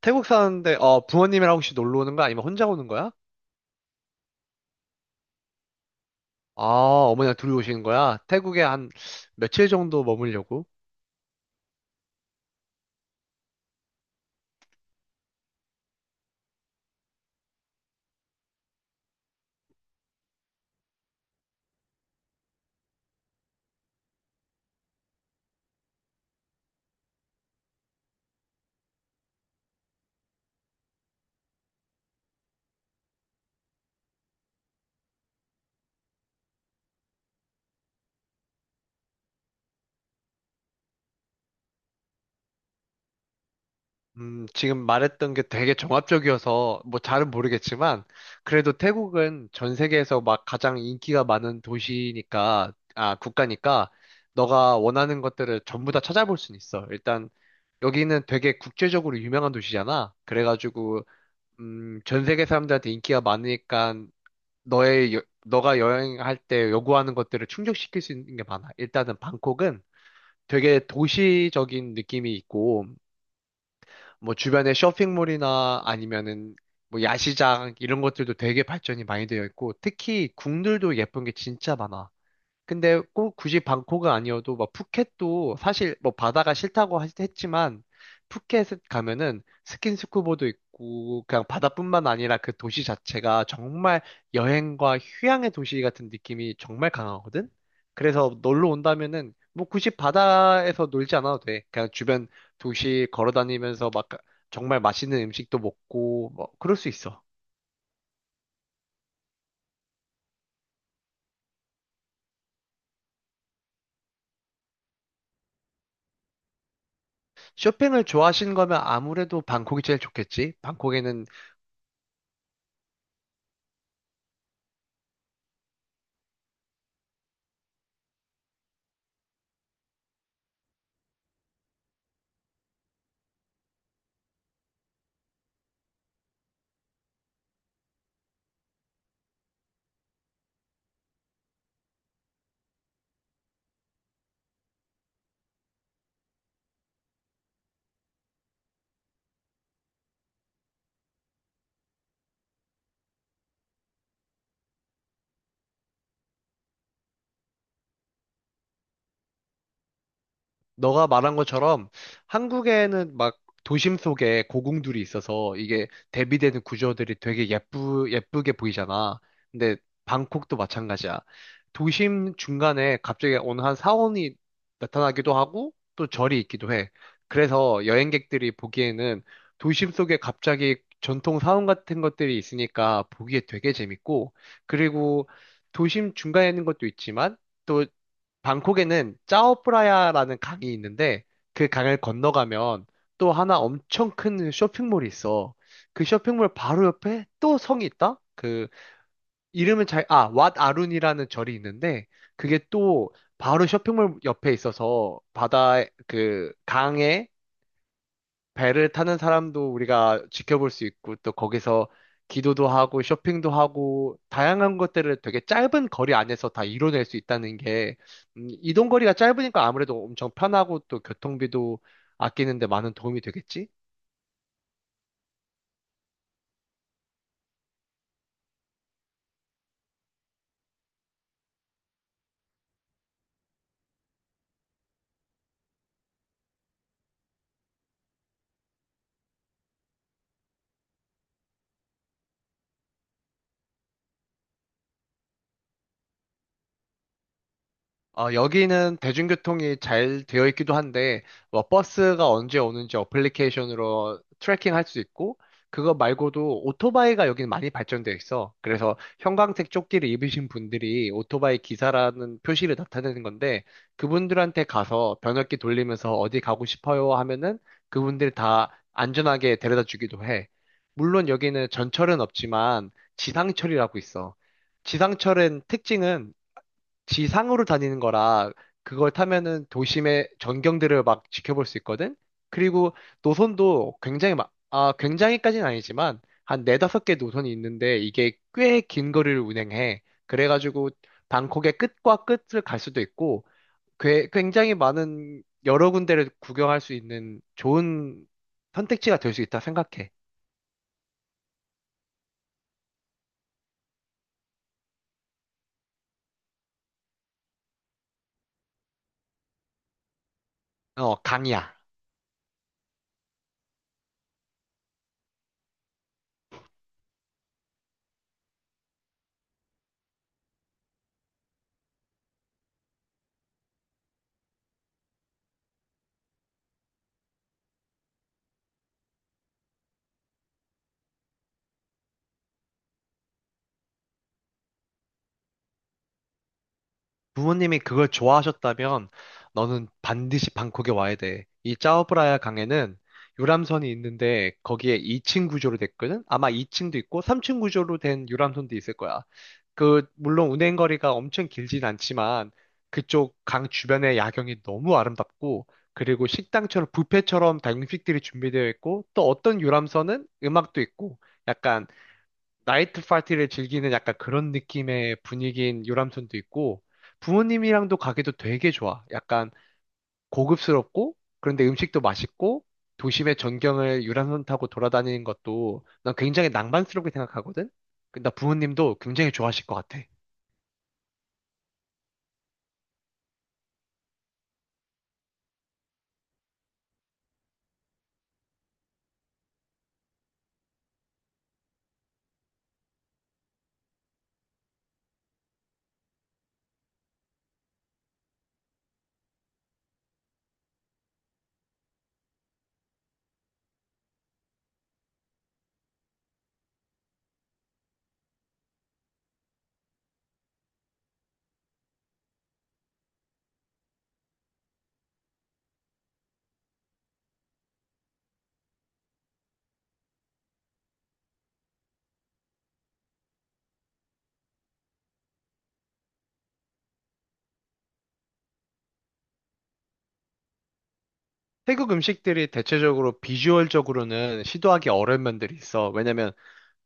태국 사는데, 부모님이랑 혹시 놀러 오는 거야? 아니면 혼자 오는 거야? 아, 어머니랑 둘이 오시는 거야? 태국에 한 며칠 정도 머물려고? 지금 말했던 게 되게 종합적이어서 뭐 잘은 모르겠지만, 그래도 태국은 전 세계에서 막 가장 인기가 많은 도시니까, 아, 국가니까, 너가 원하는 것들을 전부 다 찾아볼 순 있어. 일단, 여기는 되게 국제적으로 유명한 도시잖아. 그래가지고, 전 세계 사람들한테 인기가 많으니까 너가 여행할 때 요구하는 것들을 충족시킬 수 있는 게 많아. 일단은 방콕은 되게 도시적인 느낌이 있고, 뭐 주변에 쇼핑몰이나 아니면은 뭐 야시장 이런 것들도 되게 발전이 많이 되어 있고, 특히 궁들도 예쁜 게 진짜 많아. 근데 꼭 굳이 방콕은 아니어도 막 푸켓도 사실 뭐 바다가 싫다고 했지만 푸켓 가면은 스킨스쿠버도 있고 그냥 바다뿐만 아니라 그 도시 자체가 정말 여행과 휴양의 도시 같은 느낌이 정말 강하거든? 그래서 놀러 온다면은 뭐 굳이 바다에서 놀지 않아도 돼. 그냥 주변 도시 걸어 다니면서 막 정말 맛있는 음식도 먹고 뭐 그럴 수 있어. 쇼핑을 좋아하시는 거면 아무래도 방콕이 제일 좋겠지. 방콕에는 너가 말한 것처럼 한국에는 막 도심 속에 고궁들이 있어서 이게 대비되는 구조들이 되게 예쁘게 보이잖아. 근데 방콕도 마찬가지야. 도심 중간에 갑자기 어느 한 사원이 나타나기도 하고 또 절이 있기도 해. 그래서 여행객들이 보기에는 도심 속에 갑자기 전통 사원 같은 것들이 있으니까 보기에 되게 재밌고 그리고 도심 중간에 있는 것도 있지만 또 방콕에는 짜오프라야라는 강이 있는데 그 강을 건너가면 또 하나 엄청 큰 쇼핑몰이 있어. 그 쇼핑몰 바로 옆에 또 성이 있다? 그 이름은 잘, 아, 왓 아룬이라는 절이 있는데 그게 또 바로 쇼핑몰 옆에 있어서 바다에 그 강에 배를 타는 사람도 우리가 지켜볼 수 있고, 또 거기서 기도도 하고, 쇼핑도 하고, 다양한 것들을 되게 짧은 거리 안에서 다 이뤄낼 수 있다는 게, 이동 거리가 짧으니까 아무래도 엄청 편하고, 또 교통비도 아끼는데 많은 도움이 되겠지? 어, 여기는 대중교통이 잘 되어 있기도 한데, 뭐, 버스가 언제 오는지 어플리케이션으로 트래킹 할 수 있고, 그거 말고도 오토바이가 여기는 많이 발전되어 있어. 그래서 형광색 조끼를 입으신 분들이 오토바이 기사라는 표시를 나타내는 건데, 그분들한테 가서 변압기 돌리면서 어디 가고 싶어요 하면은 그분들 다 안전하게 데려다 주기도 해. 물론 여기는 전철은 없지만 지상철이라고 있어. 지상철은 특징은 지상으로 다니는 거라 그걸 타면은 도심의 전경들을 막 지켜볼 수 있거든? 그리고 노선도 굉장히 막, 굉장히까지는 아니지만 한 네다섯 개 노선이 있는데 이게 꽤 긴 거리를 운행해. 그래가지고 방콕의 끝과 끝을 갈 수도 있고 굉장히 많은 여러 군데를 구경할 수 있는 좋은 선택지가 될 수 있다 생각해. 어, 강이야. 부모님이 그걸 좋아하셨다면 너는 반드시 방콕에 와야 돼. 이 짜오브라야 강에는 유람선이 있는데 거기에 2층 구조로 됐거든? 아마 2층도 있고 3층 구조로 된 유람선도 있을 거야. 그, 물론 운행 거리가 엄청 길진 않지만 그쪽 강 주변의 야경이 너무 아름답고 그리고 식당처럼 뷔페처럼 다양식들이 준비되어 있고 또 어떤 유람선은 음악도 있고 약간 나이트 파티를 즐기는 약간 그런 느낌의 분위기인 유람선도 있고, 부모님이랑도 가기도 되게 좋아. 약간 고급스럽고, 그런데 음식도 맛있고, 도심의 전경을 유람선 타고 돌아다니는 것도 난 굉장히 낭만스럽게 생각하거든? 근데 나 부모님도 굉장히 좋아하실 것 같아. 태국 음식들이 대체적으로 비주얼적으로는 시도하기 어려운 면들이 있어. 왜냐면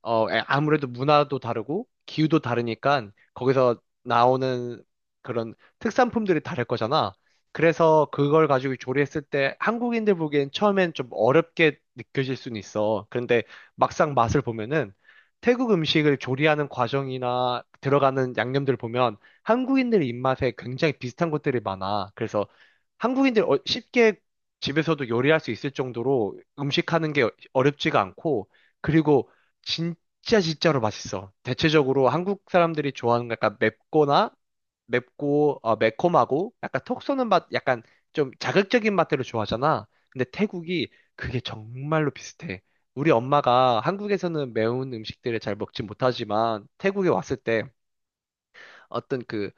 아무래도 문화도 다르고 기후도 다르니까 거기서 나오는 그런 특산품들이 다를 거잖아. 그래서 그걸 가지고 조리했을 때 한국인들 보기엔 처음엔 좀 어렵게 느껴질 수는 있어. 그런데 막상 맛을 보면은 태국 음식을 조리하는 과정이나 들어가는 양념들 보면 한국인들 입맛에 굉장히 비슷한 것들이 많아. 그래서 한국인들 쉽게 집에서도 요리할 수 있을 정도로 음식하는 게 어렵지가 않고 그리고 진짜 진짜로 맛있어. 대체적으로 한국 사람들이 좋아하는 거 약간 맵거나 맵고 매콤하고 약간 톡 쏘는 맛, 약간 좀 자극적인 맛들을 좋아하잖아. 근데 태국이 그게 정말로 비슷해. 우리 엄마가 한국에서는 매운 음식들을 잘 먹지 못하지만 태국에 왔을 때 어떤 그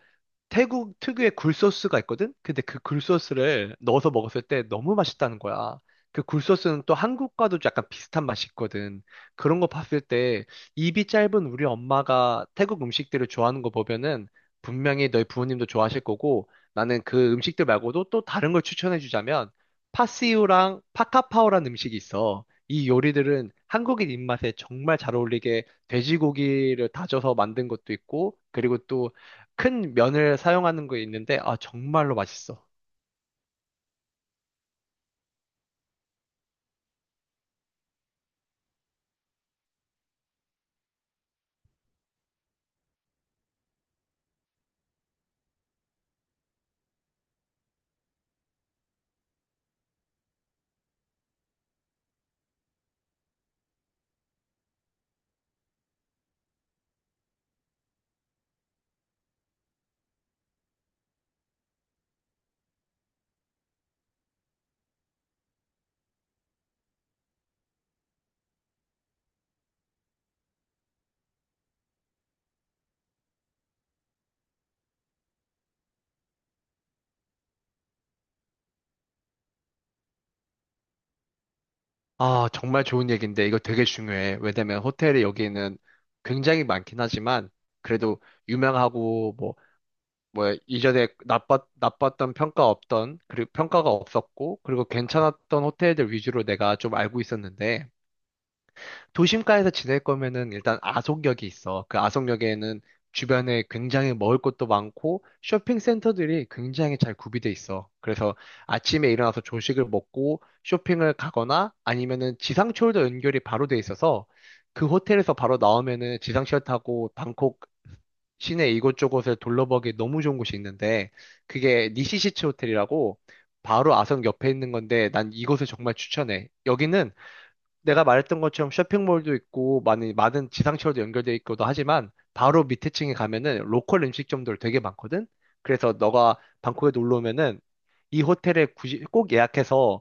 태국 특유의 굴소스가 있거든? 근데 그 굴소스를 넣어서 먹었을 때 너무 맛있다는 거야. 그 굴소스는 또 한국과도 약간 비슷한 맛이 있거든. 그런 거 봤을 때 입이 짧은 우리 엄마가 태국 음식들을 좋아하는 거 보면은 분명히 너희 부모님도 좋아하실 거고 나는 그 음식들 말고도 또 다른 걸 추천해 주자면 파시우랑 파카파오라는 음식이 있어. 이 요리들은 한국인 입맛에 정말 잘 어울리게 돼지고기를 다져서 만든 것도 있고 그리고 또 큰 면을 사용하는 거 있는데, 아, 정말로 맛있어. 아, 정말 좋은 얘기인데, 이거 되게 중요해. 왜냐면 호텔이 여기는 굉장히 많긴 하지만, 그래도 유명하고, 뭐, 뭐, 이전에 나빴던 평가 없던, 그리고 평가가 없었고, 그리고 괜찮았던 호텔들 위주로 내가 좀 알고 있었는데, 도심가에서 지낼 거면은 일단 아속역이 있어. 그 아속역에는 주변에 굉장히 먹을 것도 많고 쇼핑센터들이 굉장히 잘 구비돼 있어. 그래서 아침에 일어나서 조식을 먹고 쇼핑을 가거나 아니면은 지상철도 연결이 바로 돼 있어서 그 호텔에서 바로 나오면은 지상철 타고 방콕 시내 이곳저곳을 둘러보기 너무 좋은 곳이 있는데 그게 니시시츠 호텔이라고 바로 아성 옆에 있는 건데 난 이곳을 정말 추천해. 여기는 내가 말했던 것처럼 쇼핑몰도 있고 많은 지상철도 연결돼 있고도 하지만 바로 밑에 층에 가면은 로컬 음식점들 되게 많거든. 그래서 너가 방콕에 놀러 오면은 이 호텔에 굳이 꼭 예약해서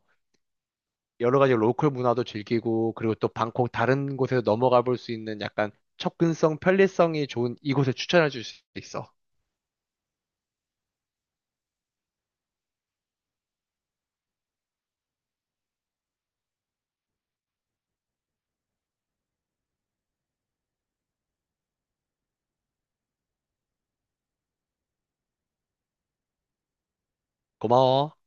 여러 가지 로컬 문화도 즐기고 그리고 또 방콕 다른 곳에서 넘어가 볼 수 있는 약간 접근성, 편리성이 좋은 이곳을 추천해 줄 수 있어. 고마워.